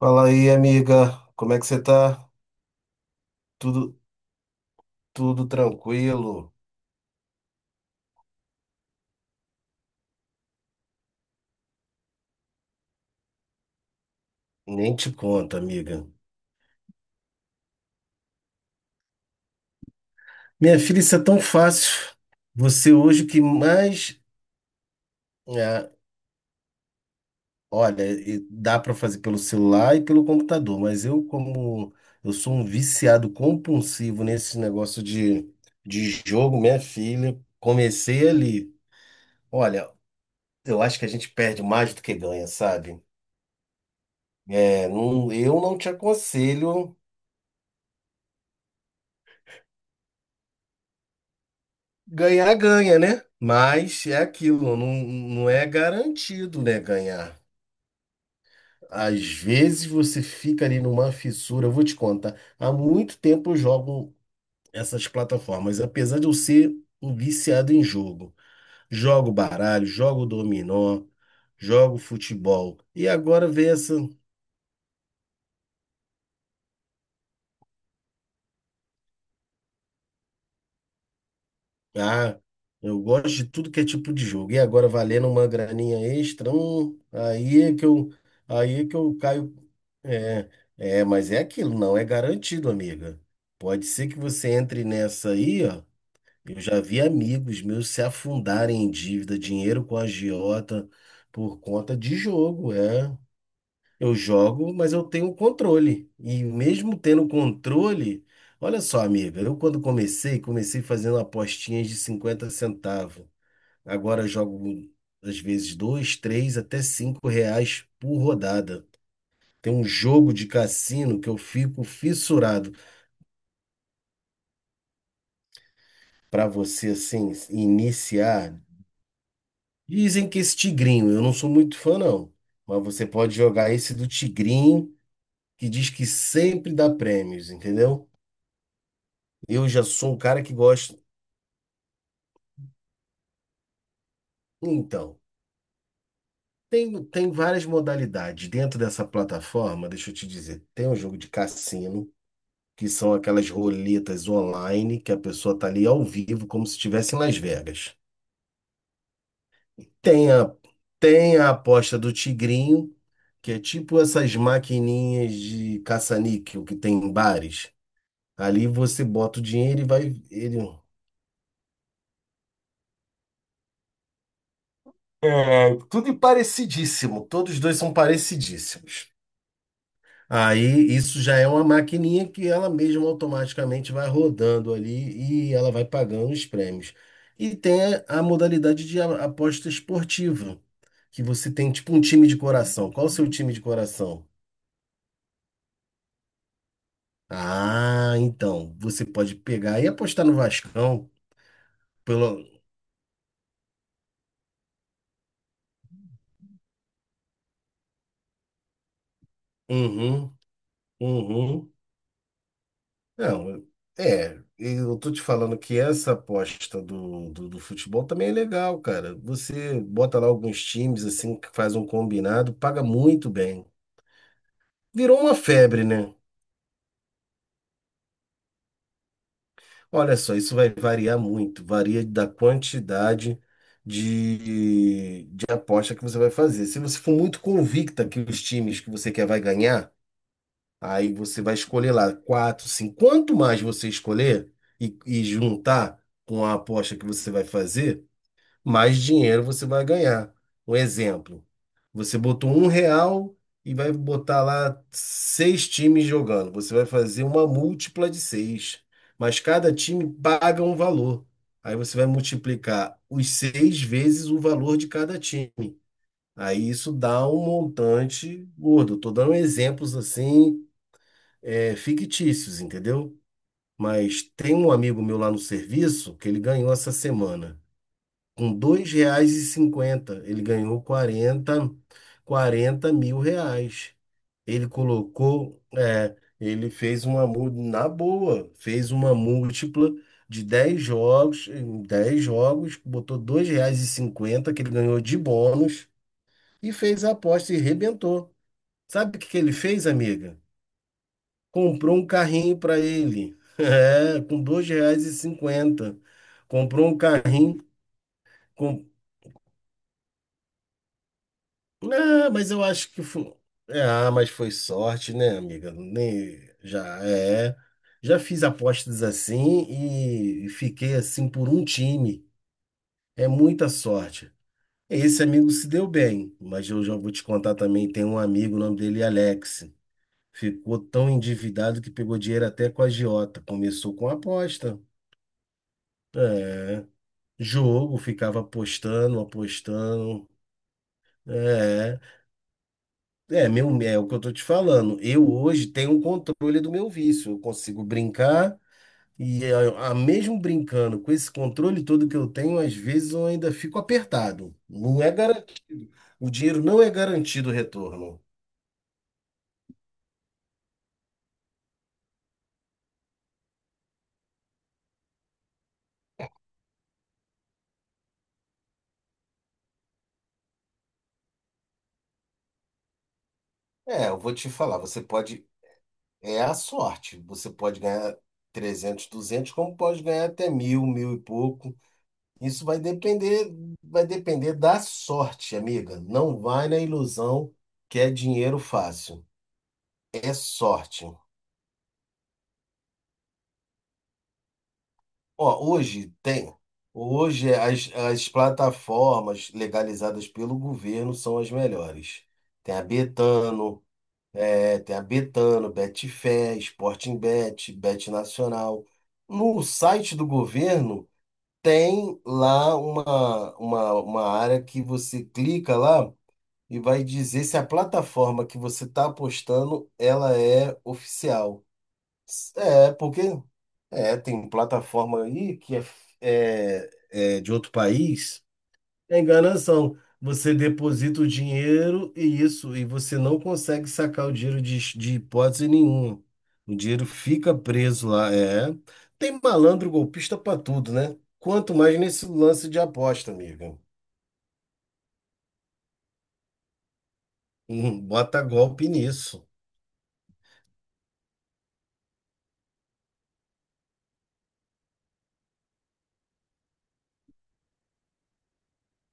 Fala aí, amiga. Como é que você tá? Tudo, tudo tranquilo? Nem te conto, amiga. Minha filha, isso é tão fácil. Você hoje que mais. é, Olha, e dá para fazer pelo celular e pelo computador, mas eu, como eu sou um viciado compulsivo nesse negócio de jogo, minha filha, comecei ali. Olha, eu acho que a gente perde mais do que ganha, sabe? É, não, eu não te aconselho. Ganhar, ganha, né? Mas é aquilo, não, não é garantido, né, ganhar. Às vezes você fica ali numa fissura, eu vou te contar. Há muito tempo eu jogo essas plataformas, apesar de eu ser um viciado em jogo. Jogo baralho, jogo dominó, jogo futebol. E agora vem essa. Ah, eu gosto de tudo que é tipo de jogo. E agora valendo uma graninha extra, aí é que eu caio. É, é, mas é aquilo, não é garantido, amiga. Pode ser que você entre nessa aí, ó. Eu já vi amigos meus se afundarem em dívida, dinheiro com agiota por conta de jogo, é. Eu jogo, mas eu tenho controle. E mesmo tendo controle, olha só, amiga, eu quando comecei, comecei fazendo apostinhas de 50 centavos. Agora eu jogo às vezes dois, três, até 5 reais por rodada. Tem um jogo de cassino que eu fico fissurado para você assim iniciar. Dizem que esse tigrinho, eu não sou muito fã não, mas você pode jogar esse do tigrinho que diz que sempre dá prêmios, entendeu? Eu já sou o cara que gosta. Então, tem várias modalidades. Dentro dessa plataforma, deixa eu te dizer, tem um jogo de cassino, que são aquelas roletas online, que a pessoa tá ali ao vivo, como se estivesse em Las Vegas. Tem a, tem a aposta do Tigrinho, que é tipo essas maquininhas de caça-níquel que tem em bares. Ali você bota o dinheiro e vai. Ele, é, tudo parecidíssimo. Todos os dois são parecidíssimos. Aí isso já é uma maquininha que ela mesma automaticamente vai rodando ali e ela vai pagando os prêmios. E tem a modalidade de aposta esportiva, que você tem tipo um time de coração. Qual o seu time de coração? Ah, então, você pode pegar e apostar no Vascão pelo Uhum, uhum. Não, é, eu tô te falando que essa aposta do futebol também é legal, cara. Você bota lá alguns times assim, que faz um combinado, paga muito bem. Virou uma febre, né? Olha só, isso vai variar muito, varia da quantidade de aposta que você vai fazer. Se você for muito convicta que os times que você quer vai ganhar, aí você vai escolher lá quatro, cinco. Quanto mais você escolher e juntar com a aposta que você vai fazer, mais dinheiro você vai ganhar. Um exemplo, você botou 1 real e vai botar lá seis times jogando. Você vai fazer uma múltipla de seis, mas cada time paga um valor. Aí você vai multiplicar os seis vezes o valor de cada time. Aí isso dá um montante gordo. Estou dando exemplos assim, é, fictícios, entendeu? Mas tem um amigo meu lá no serviço que ele ganhou essa semana. Com R$ 2,50, ele ganhou quarenta mil reais. Ele colocou, é, ele fez uma, na boa, fez uma múltipla de 10 jogos, em 10 jogos, botou R$ 2,50, que ele ganhou de bônus, e fez a aposta e rebentou. Sabe o que que ele fez, amiga? Comprou um carrinho para ele, é, com R$ 2,50. Comprou um carrinho. Ah, mas eu acho que foi. É, ah, mas foi sorte, né, amiga? Nem... Já é. Já fiz apostas assim e fiquei assim por um time. É muita sorte. Esse amigo se deu bem, mas eu já vou te contar também. Tem um amigo, o nome dele é Alex. Ficou tão endividado que pegou dinheiro até com a agiota. Começou com aposta. É. Jogo, ficava apostando, apostando. é É, meu, é o que eu tô te falando. Eu hoje tenho um controle do meu vício. Eu consigo brincar e mesmo brincando com esse controle todo que eu tenho, às vezes eu ainda fico apertado. Não é garantido. O dinheiro não é garantido o retorno. É, eu vou te falar, você pode, é a sorte. Você pode ganhar 300, 200, como pode ganhar até mil, mil e pouco. Isso vai depender da sorte, amiga. Não vai na ilusão que é dinheiro fácil. É sorte. Ó, hoje tem. Hoje as plataformas legalizadas pelo governo são as melhores. Tem a Betano, é, tem a Betano, Betfair, Sportingbet, Bet Nacional. No site do governo tem lá uma área que você clica lá e vai dizer se a plataforma que você está apostando ela é oficial. É, porque é, tem plataforma aí que é, é, é de outro país, é enganação. Você deposita o dinheiro e isso, e você não consegue sacar o dinheiro de hipótese nenhuma. O dinheiro fica preso lá, é. Tem malandro golpista pra tudo, né? Quanto mais nesse lance de aposta, amiga. Bota golpe nisso.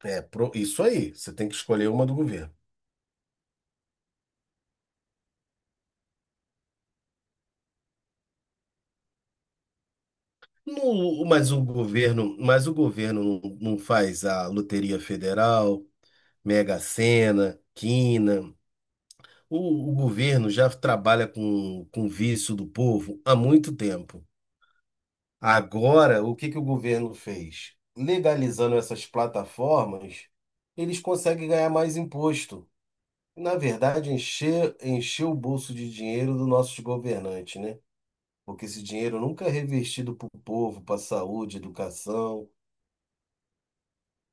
É, isso aí, você tem que escolher uma do governo. Mas o governo não faz a Loteria Federal, Mega Sena, Quina. O, o governo já trabalha com o vício do povo há muito tempo. Agora, o que que o governo fez? Legalizando essas plataformas, eles conseguem ganhar mais imposto. Na verdade, encher, encher o bolso de dinheiro dos nossos governantes, né? Porque esse dinheiro nunca é revertido para o povo, para a saúde, educação.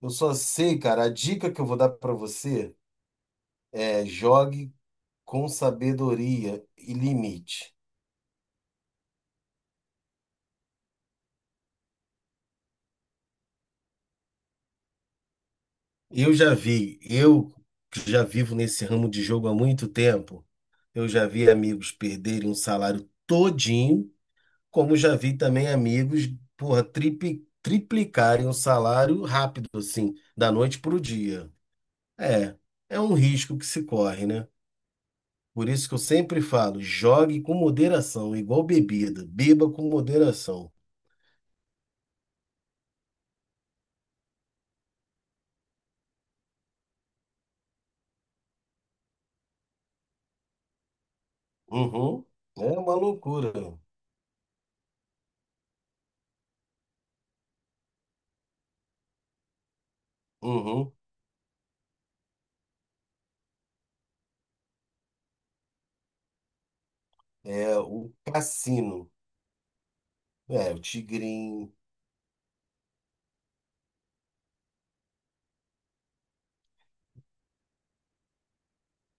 Eu só sei, cara, a dica que eu vou dar pra você é jogue com sabedoria e limite. Eu já vi, eu que já vivo nesse ramo de jogo há muito tempo, eu já vi amigos perderem um salário todinho, como já vi também amigos, porra, triplicarem o salário rápido, assim, da noite pro dia. É, é um risco que se corre, né? Por isso que eu sempre falo, jogue com moderação, igual bebida, beba com moderação. Uhum, é uma loucura. Uhum. É o Cassino. É, o Tigrinho.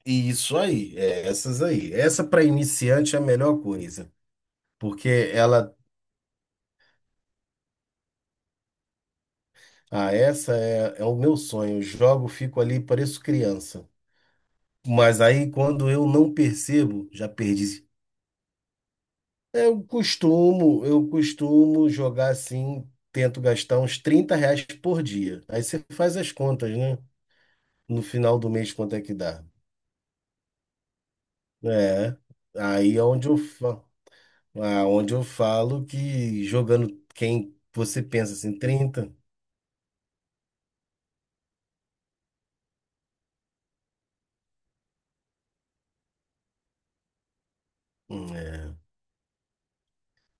E isso aí, é, essas aí. Essa para iniciante é a melhor coisa. Porque ela. Ah, essa é, é o meu sonho. Jogo, fico ali, pareço criança. Mas aí, quando eu não percebo, já perdi. Eu costumo jogar assim, tento gastar uns 30 reais por dia. Aí você faz as contas, né? No final do mês, quanto é que dá? É, aí é onde eu falo que jogando quem você pensa assim, 30, é,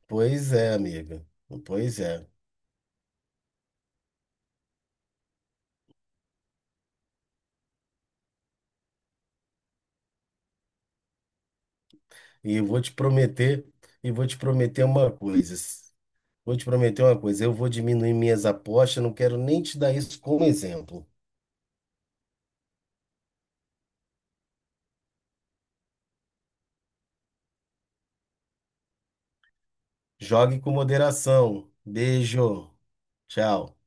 pois é, amiga. Pois é. E eu vou te prometer, e vou te prometer uma coisa. Vou te prometer uma coisa, eu vou diminuir minhas apostas, não quero nem te dar isso como exemplo. Jogue com moderação. Beijo. Tchau.